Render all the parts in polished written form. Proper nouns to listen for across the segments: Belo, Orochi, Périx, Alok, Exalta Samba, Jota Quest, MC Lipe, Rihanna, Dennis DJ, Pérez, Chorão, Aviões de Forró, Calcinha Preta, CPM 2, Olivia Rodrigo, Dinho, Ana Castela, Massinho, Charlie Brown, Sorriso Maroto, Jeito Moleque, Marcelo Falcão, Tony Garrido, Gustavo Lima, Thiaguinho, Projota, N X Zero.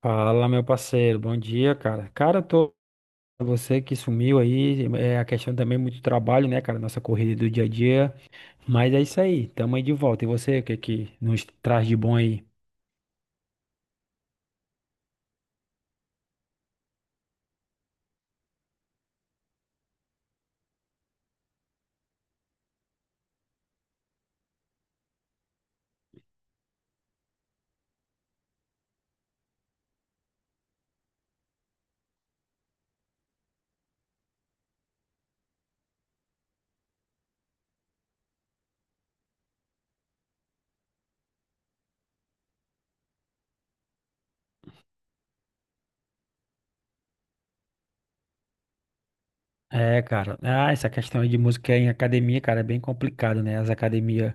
Fala, meu parceiro, bom dia, cara. Cara, tô você que sumiu aí, é a questão também muito trabalho, né, cara, nossa corrida do dia a dia, mas é isso aí, tamo aí de volta. E você, o que que nos traz de bom aí? É, cara, ah, essa questão aí de música em academia, cara, é bem complicado, né? As academias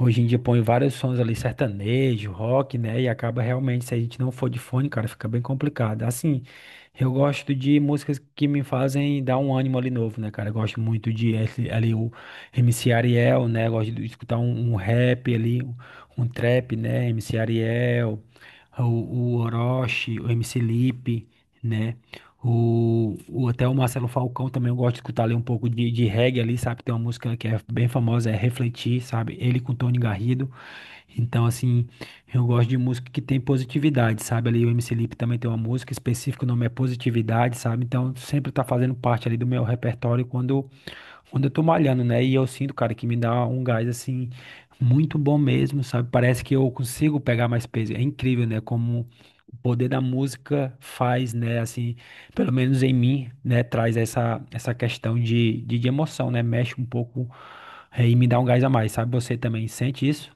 hoje em dia põe vários sons ali sertanejo, rock, né? E acaba realmente, se a gente não for de fone, cara, fica bem complicado. Assim, eu gosto de músicas que me fazem dar um ânimo ali novo, né, cara? Eu gosto muito ali o MC Ariel, né? Eu gosto de escutar um rap ali, um trap, né? MC Ariel, o Orochi, o MC Lipe, né? Até o Marcelo Falcão também eu gosto de escutar ali um pouco de reggae ali, sabe? Tem uma música que é bem famosa, é Refletir, sabe? Ele com Tony Garrido. Então, assim, eu gosto de música que tem positividade, sabe? Ali o MC Lipe também tem uma música específica, o nome é Positividade, sabe? Então, sempre tá fazendo parte ali do meu repertório quando eu tô malhando, né? E eu sinto, cara, que me dá um gás assim muito bom mesmo, sabe? Parece que eu consigo pegar mais peso. É incrível, né? Como o poder da música faz, né? Assim, pelo menos em mim, né? Traz essa questão de emoção, né? Mexe um pouco, é, e me dá um gás a mais, sabe? Você também sente isso?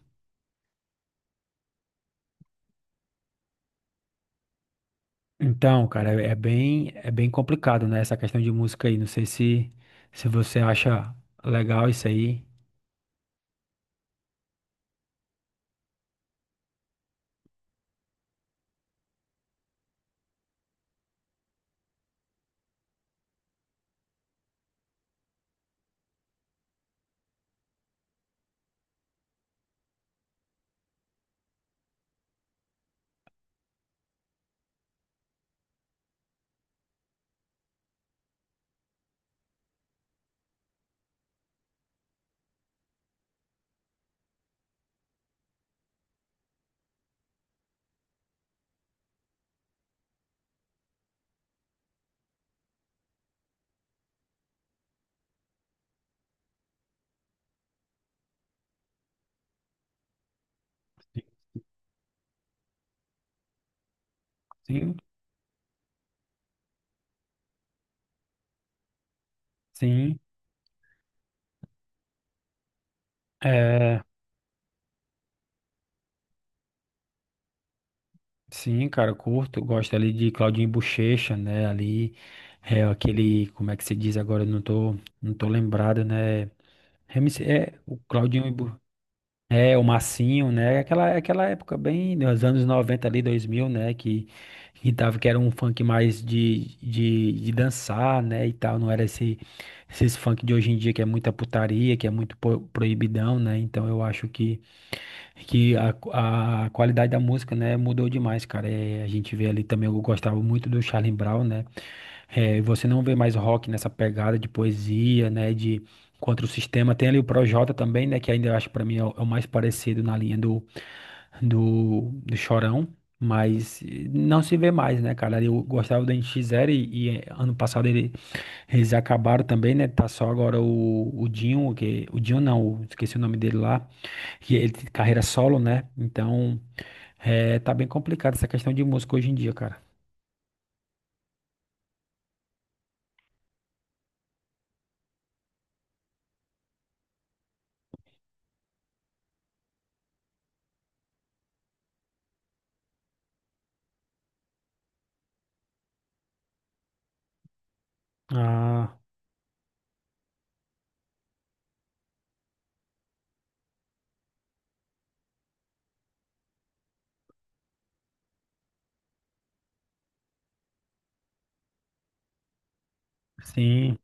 Então, cara, é bem complicado, né? Essa questão de música aí. Não sei se, se você acha legal isso aí. Sim, sim. Sim. É, sim, cara, eu curto, eu gosto ali de Claudinho Bochecha, né? Ali é aquele, como é que se diz agora? Eu não tô, não tô lembrado, né? MC é o Claudinho e é o Massinho, né? Aquela época bem dos anos 90 ali, 2000 né, que tava que era um funk mais de dançar, né, e tal, não era esses funk de hoje em dia que é muita putaria, que é muito proibidão, né? Então eu acho que a, a qualidade da música, né, mudou demais, cara. É, a gente vê ali também, eu gostava muito do Charlie Brown, né? É, você não vê mais rock nessa pegada de poesia, né, de contra o sistema. Tem ali o Projota também, né, que ainda eu acho para mim é é o mais parecido na linha do Chorão. Mas não se vê mais, né, cara? Eu gostava do N X Zero ano passado eles acabaram também, né? Tá só agora o Dinho, que, o Dinho não, esqueci o nome dele lá. E ele tem carreira solo, né? Então, é, tá bem complicado essa questão de música hoje em dia, cara. Ah, sim.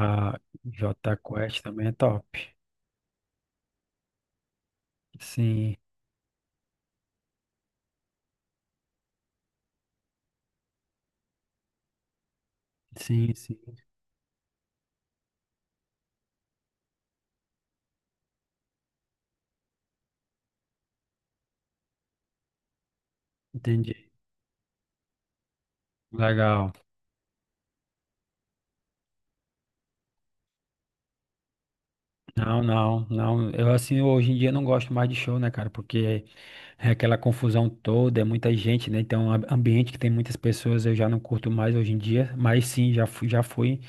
A Jota Quest também é top. Sim, sim, sim. Entendi. Legal. Não, não, não. Eu assim, hoje em dia não gosto mais de show, né, cara? Porque é aquela confusão toda, é muita gente, né? Então, a- ambiente que tem muitas pessoas, eu já não curto mais hoje em dia, mas sim, já fui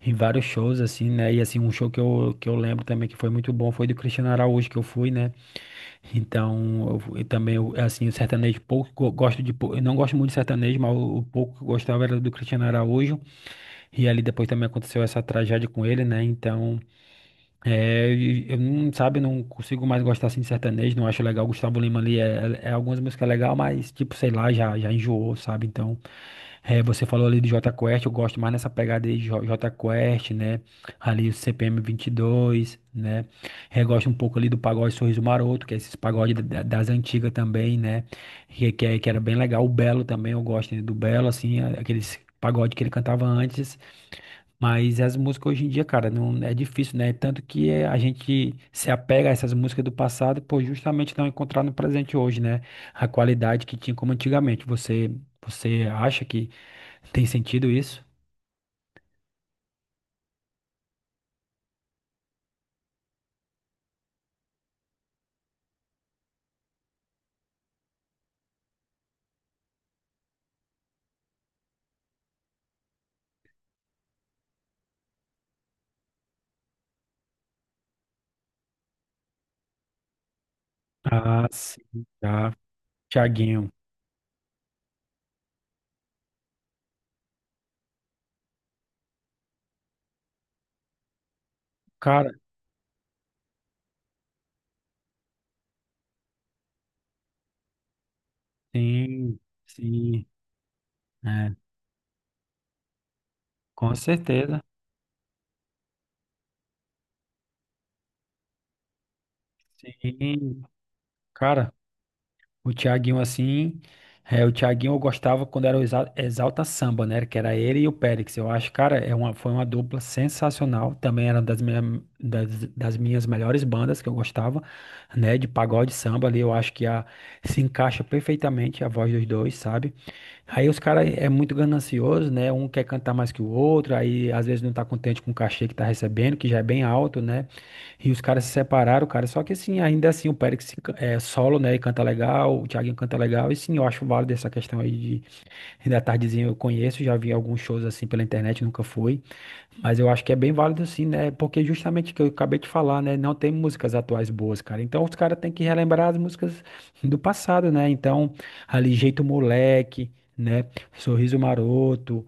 em vários shows assim, né? E assim, um show que eu lembro também que foi muito bom foi do Cristiano Araújo que eu fui, né? Então, eu, também eu, assim, o sertanejo pouco gosto de, eu não gosto muito de sertanejo, mas o pouco que eu gostava era do Cristiano Araújo. E ali depois também aconteceu essa tragédia com ele, né? Então, é, e eu não, sabe, não consigo mais gostar assim de sertanejo, não acho legal. Gustavo Lima ali é algumas músicas legal, mas tipo, sei lá, já enjoou, sabe? Então, é, você falou ali de Jota Quest, eu gosto mais nessa pegada aí de Jota Quest, né? Ali o CPM dois né? É, gosto um pouco ali do pagode Sorriso Maroto, que é esses pagode das antigas também, né? Que era bem legal. O Belo também, eu gosto né, do Belo, assim, aqueles pagode que ele cantava antes. Mas as músicas hoje em dia, cara, não é difícil, né? Tanto que a gente se apega a essas músicas do passado por justamente não encontrar no presente hoje, né? A qualidade que tinha como antigamente. Você acha que tem sentido isso? Ah, sim, tá. Thiaguinho. Cara, sim, sim, é, com certeza. Sim, cara. O Thiaguinho, assim, é, o Thiaguinho eu gostava quando era o Exalta Samba, né? Que era ele e o Périx. Eu acho, cara, foi uma dupla sensacional. Também era uma das minhas melhores bandas que eu gostava, né? De pagode samba ali. Eu acho que a, se encaixa perfeitamente a voz dos dois, sabe? Aí os caras é muito ganancioso, né? Um quer cantar mais que o outro, aí às vezes não tá contente com o cachê que tá recebendo, que já é bem alto, né? E os caras se separaram, cara. Só que assim, ainda assim, o Pérez se ca- é solo, né? E canta legal, o Thiaguinho canta legal. E sim, eu acho válido essa questão aí de da tardezinha eu conheço, já vi alguns shows assim pela internet, nunca fui. Mas eu acho que é bem válido sim, né? Porque justamente o que eu acabei de falar, né? Não tem músicas atuais boas, cara. Então os caras têm que relembrar as músicas do passado, né? Então, ali Jeito Moleque, né? Sorriso Maroto,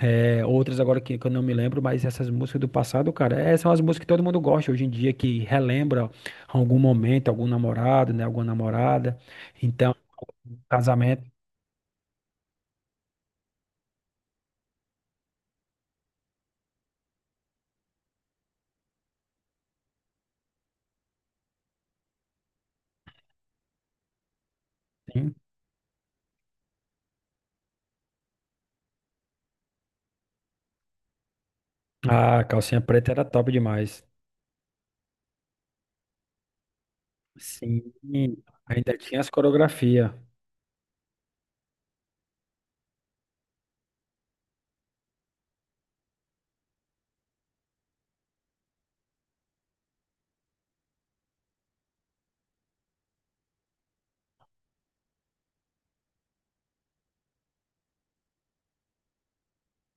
eh, outras agora que eu não me lembro, mas essas músicas do passado, cara, eh, são as músicas que todo mundo gosta hoje em dia, que relembra algum momento, algum namorado, né? Alguma namorada. Então, casamento, sim. A Calcinha Preta era top demais. Sim, ainda tinha as coreografias.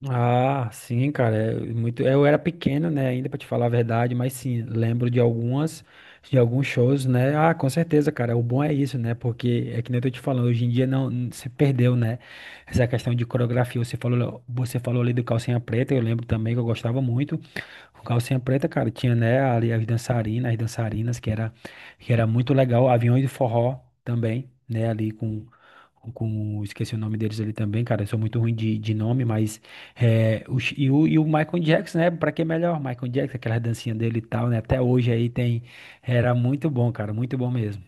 Ah, sim, cara, é muito. Eu era pequeno, né, ainda pra te falar a verdade, mas sim, lembro de algumas, de alguns shows, né? Ah, com certeza, cara. O bom é isso, né? Porque é que nem eu tô te falando, hoje em dia não, se perdeu, né? Essa questão de coreografia, você falou ali do Calcinha Preta, eu lembro também que eu gostava muito. O Calcinha Preta, cara, tinha, né, ali as dançarinas, que era muito legal. Aviões de forró também, né, esqueci o nome deles ali também, cara, eu sou muito ruim de nome, mas, é, o, Chi- e o Michael Jackson, né, pra que melhor? Michael Jackson, aquelas dancinhas dele e tal, né, até hoje aí tem, era muito bom, cara, muito bom mesmo.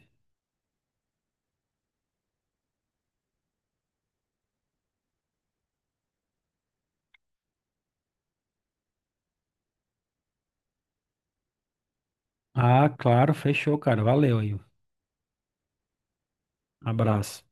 Ah, claro, fechou, cara, valeu aí, um abraço.